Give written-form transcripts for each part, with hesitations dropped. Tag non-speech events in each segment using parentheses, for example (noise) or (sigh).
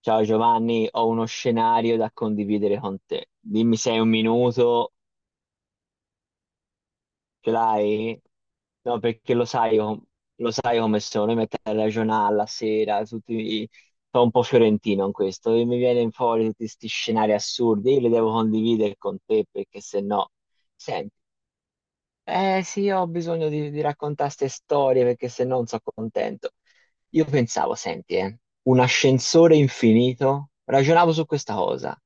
Ciao Giovanni, ho uno scenario da condividere con te. Dimmi se hai un minuto, ce l'hai? No, perché lo sai, lo sai come sono, mi metto a ragionare la sera, tutti, sono un po' fiorentino in questo, e mi viene fuori tutti questi scenari assurdi, io li devo condividere con te perché se no, eh sì, io ho bisogno di raccontare queste storie perché se no non sono contento. Io pensavo, senti, un ascensore infinito, ragionavo su questa cosa,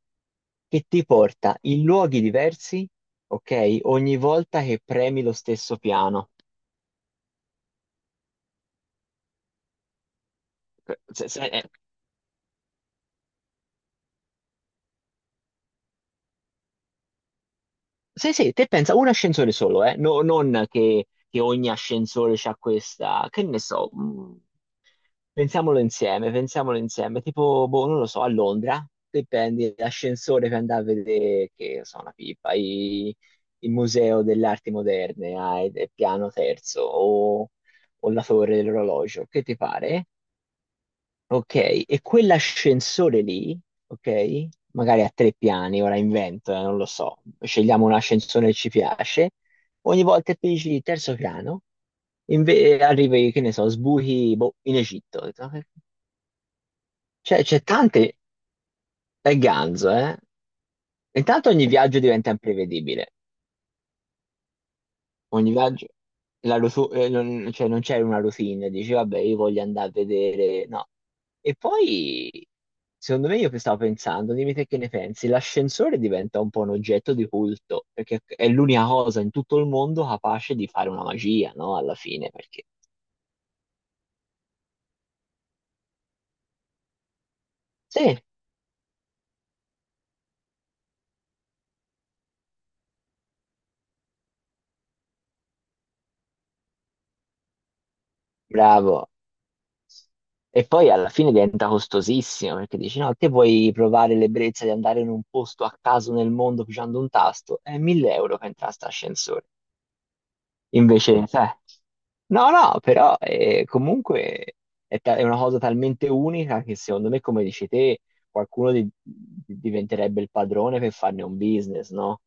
che ti porta in luoghi diversi, ok? Ogni volta che premi lo stesso piano. Eh, Se- se- eh, Sì, sì, te pensa un ascensore solo, eh? Non che, che ogni ascensore c'ha questa, che ne so, pensiamolo insieme, pensiamolo insieme. Tipo, boh, non lo so, a Londra, te prendi l'ascensore per andare a vedere, che so, una pipa, il museo delle arti moderne, al piano terzo, o la torre dell'orologio, che ti pare? Ok, e quell'ascensore lì, ok, magari a tre piani, ora invento, non lo so, scegliamo un ascensore che ci piace, ogni volta che dici terzo piano, arrivi, che ne so, sbuchi, boh, in Egitto. Cioè, c'è tante... È ganzo, eh? Intanto ogni viaggio diventa imprevedibile. Ogni viaggio... non, cioè, non c'è una routine. Dici, vabbè, io voglio andare a vedere... No. E poi, secondo me, io stavo pensando, dimmi te che ne pensi, l'ascensore diventa un po' un oggetto di culto, perché è l'unica cosa in tutto il mondo capace di fare una magia, no? Alla fine, perché... Sì, bravo. E poi alla fine diventa costosissimo perché dici: no, te vuoi provare l'ebbrezza di andare in un posto a caso nel mondo pigiando un tasto? È 1000 euro per entrare a sta ascensore. Invece, cioè, no, no, però comunque è una cosa talmente unica che secondo me, come dici te, qualcuno diventerebbe il padrone per farne un business, no?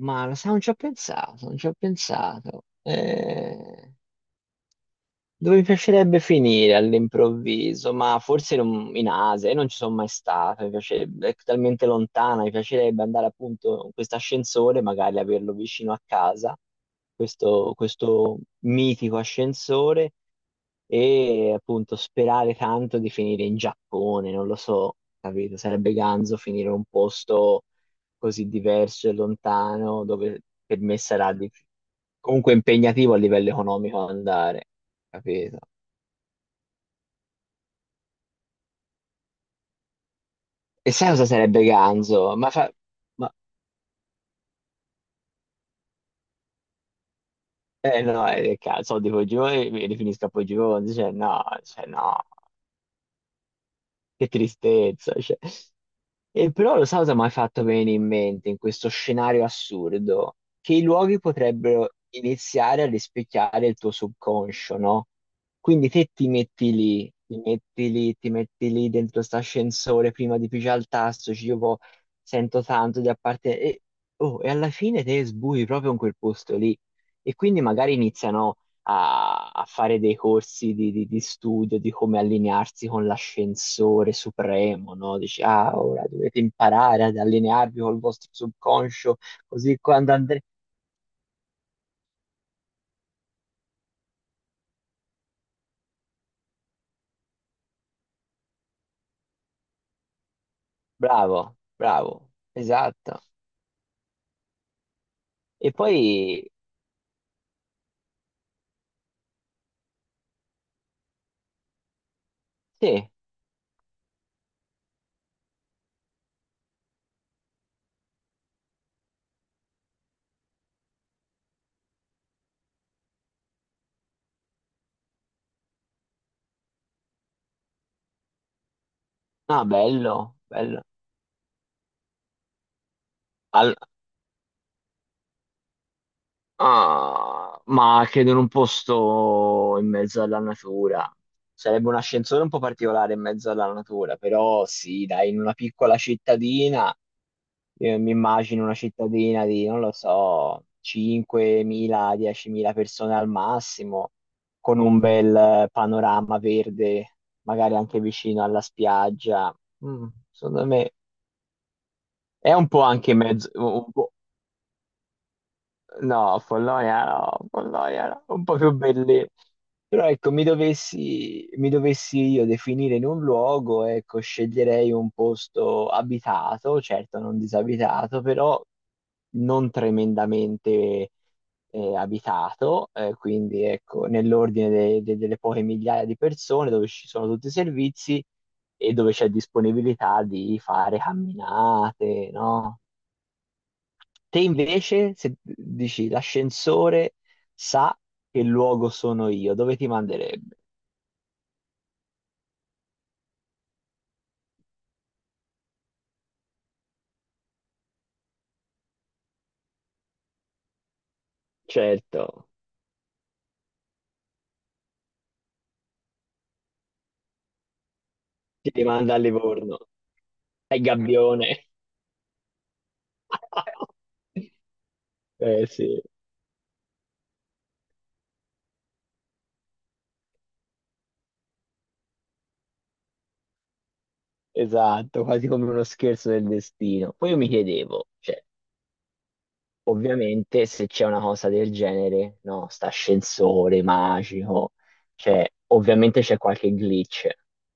Ma lo sai, non ci ho pensato, non ci ho pensato. Dove mi piacerebbe finire all'improvviso, ma forse in Asia, io non ci sono mai stato, mi piacerebbe, è talmente lontana, mi piacerebbe andare appunto in questo ascensore, magari averlo vicino a casa, questo mitico ascensore, e appunto sperare tanto di finire in Giappone, non lo so, capito? Sarebbe ganzo finire in un posto così diverso e lontano, dove per me comunque impegnativo a livello economico andare, capito? E sai cosa sarebbe ganzo? Ma fa... Ma... Eh no, cazzo, soldi Poggio mi rifinisco a Poggio cioè no, che tristezza, cioè. E però lo sai cosa mi hai fatto venire in mente in questo scenario assurdo? Che i luoghi potrebbero iniziare a rispecchiare il tuo subconscio, no? Quindi te ti metti lì, ti metti lì, ti metti lì dentro st'ascensore prima di pigiare il tasto, sento tanto di appartenere. E, oh, e alla fine te sbui proprio in quel posto lì. E quindi magari iniziano a fare dei corsi di studio di come allinearsi con l'ascensore supremo, no? Dici, ah, ora dovete imparare ad allinearvi col vostro subconscio, così quando andrete... Bravo, bravo, esatto. E poi, sì, no, bello, bello. Al- Ah, ma credo in un posto in mezzo alla natura. Sarebbe un ascensore un po' particolare in mezzo alla natura, però sì, dai, in una piccola cittadina, io mi immagino una cittadina di, non lo so, 5.000-10.000 persone al massimo, con un bel panorama verde, magari anche vicino alla spiaggia. Mm, secondo me è un po' anche mezzo, no, Follonia no, Follonia no, un po' più belli. Però ecco, mi dovessi io definire in un luogo, ecco, sceglierei un posto abitato, certo non disabitato, però non tremendamente abitato, quindi ecco, nell'ordine delle poche migliaia di persone dove ci sono tutti i servizi e dove c'è disponibilità di fare camminate, no? Te invece, se dici l'ascensore sa che luogo sono io, dove ti manderebbe? Certo. Ti rimanda a Livorno, ai Gabbione. (laughs) Eh sì, esatto, quasi come uno scherzo del destino. Poi io mi chiedevo, cioè, ovviamente se c'è una cosa del genere, no, sta ascensore magico, cioè, ovviamente c'è qualche glitch,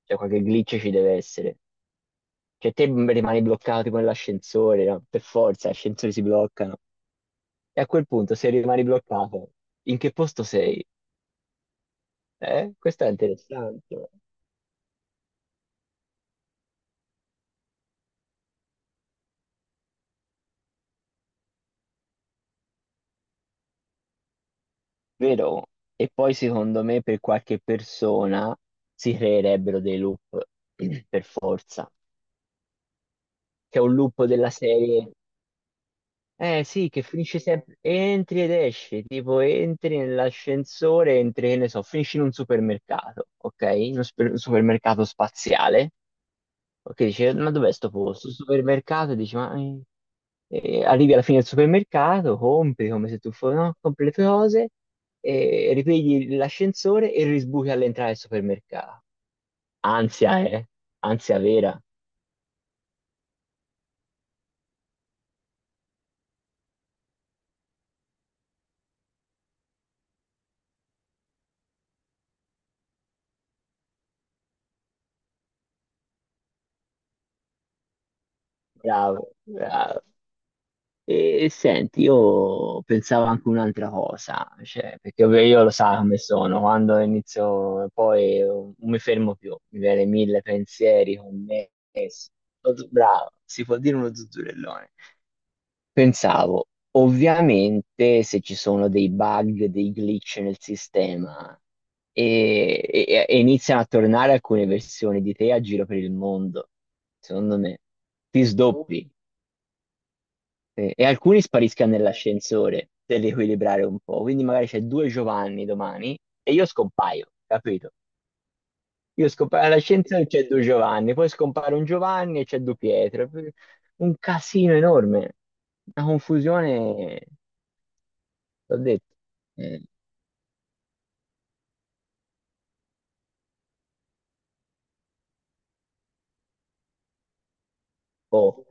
cioè qualche glitch ci deve essere. Cioè, rimani bloccato con l'ascensore, no? Per forza, gli ascensori si bloccano. E a quel punto, se rimani bloccato, in che posto sei? Eh? Questo è interessante, vero? E poi, secondo me, per qualche persona si creerebbero dei loop, (clears throat) per forza. C'è un loop della serie, eh sì, che finisce sempre, entri ed esci, tipo entri nell'ascensore, entri, che ne so, finisci in un supermercato, ok? Un supermercato spaziale. Ok, dice, ma dov'è sto posto? Il supermercato, e dici, ma arrivi alla fine del supermercato, compri come se tu fossi, no? Compri le tue cose, ripigli l'ascensore e risbuchi all'entrata del supermercato. Ansia, eh? Ansia vera. Bravo, bravo. E senti, io pensavo anche un'altra cosa, cioè, perché ovvio io lo so come sono, quando inizio, poi non mi fermo più, mi viene mille pensieri connessi. Bravo, si può dire uno zuzzurellone. Pensavo, ovviamente se ci sono dei bug, dei glitch nel sistema e iniziano a tornare alcune versioni di te a giro per il mondo, secondo me ti sdoppi e alcuni spariscano nell'ascensore per riequilibrare un po', quindi magari c'è due Giovanni domani e io scompaio, capito? Io scompaio all'ascensore e c'è due Giovanni, poi scompare un Giovanni e c'è due Pietro, un casino enorme, una confusione. L'ho detto. Mm. Oh.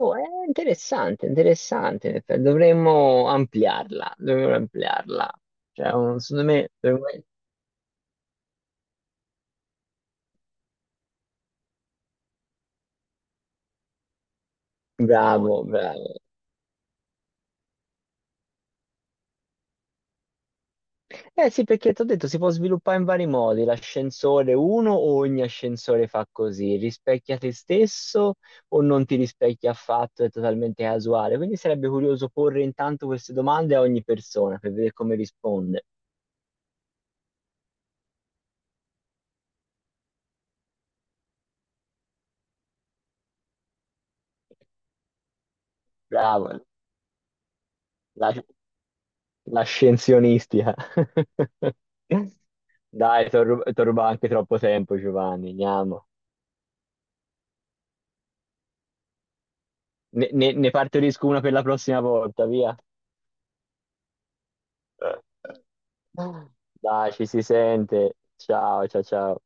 Oh, è interessante, interessante. In effetti. Dovremmo ampliarla, dovremmo ampliarla. Cioè, secondo me, dovremmo... bravo, bravo. Eh sì, perché ti ho detto, si può sviluppare in vari modi. L'ascensore, uno, o ogni ascensore fa così, rispecchia te stesso o non ti rispecchia affatto, è totalmente casuale. Quindi sarebbe curioso porre intanto queste domande a ogni persona per vedere come risponde. Bravo. La scienzionistica. (laughs) Dai, ti rubato anche troppo tempo, Giovanni. Andiamo. Ne partorisco una per la prossima volta, via. (laughs) Dai, ci si sente. Ciao, ciao, ciao.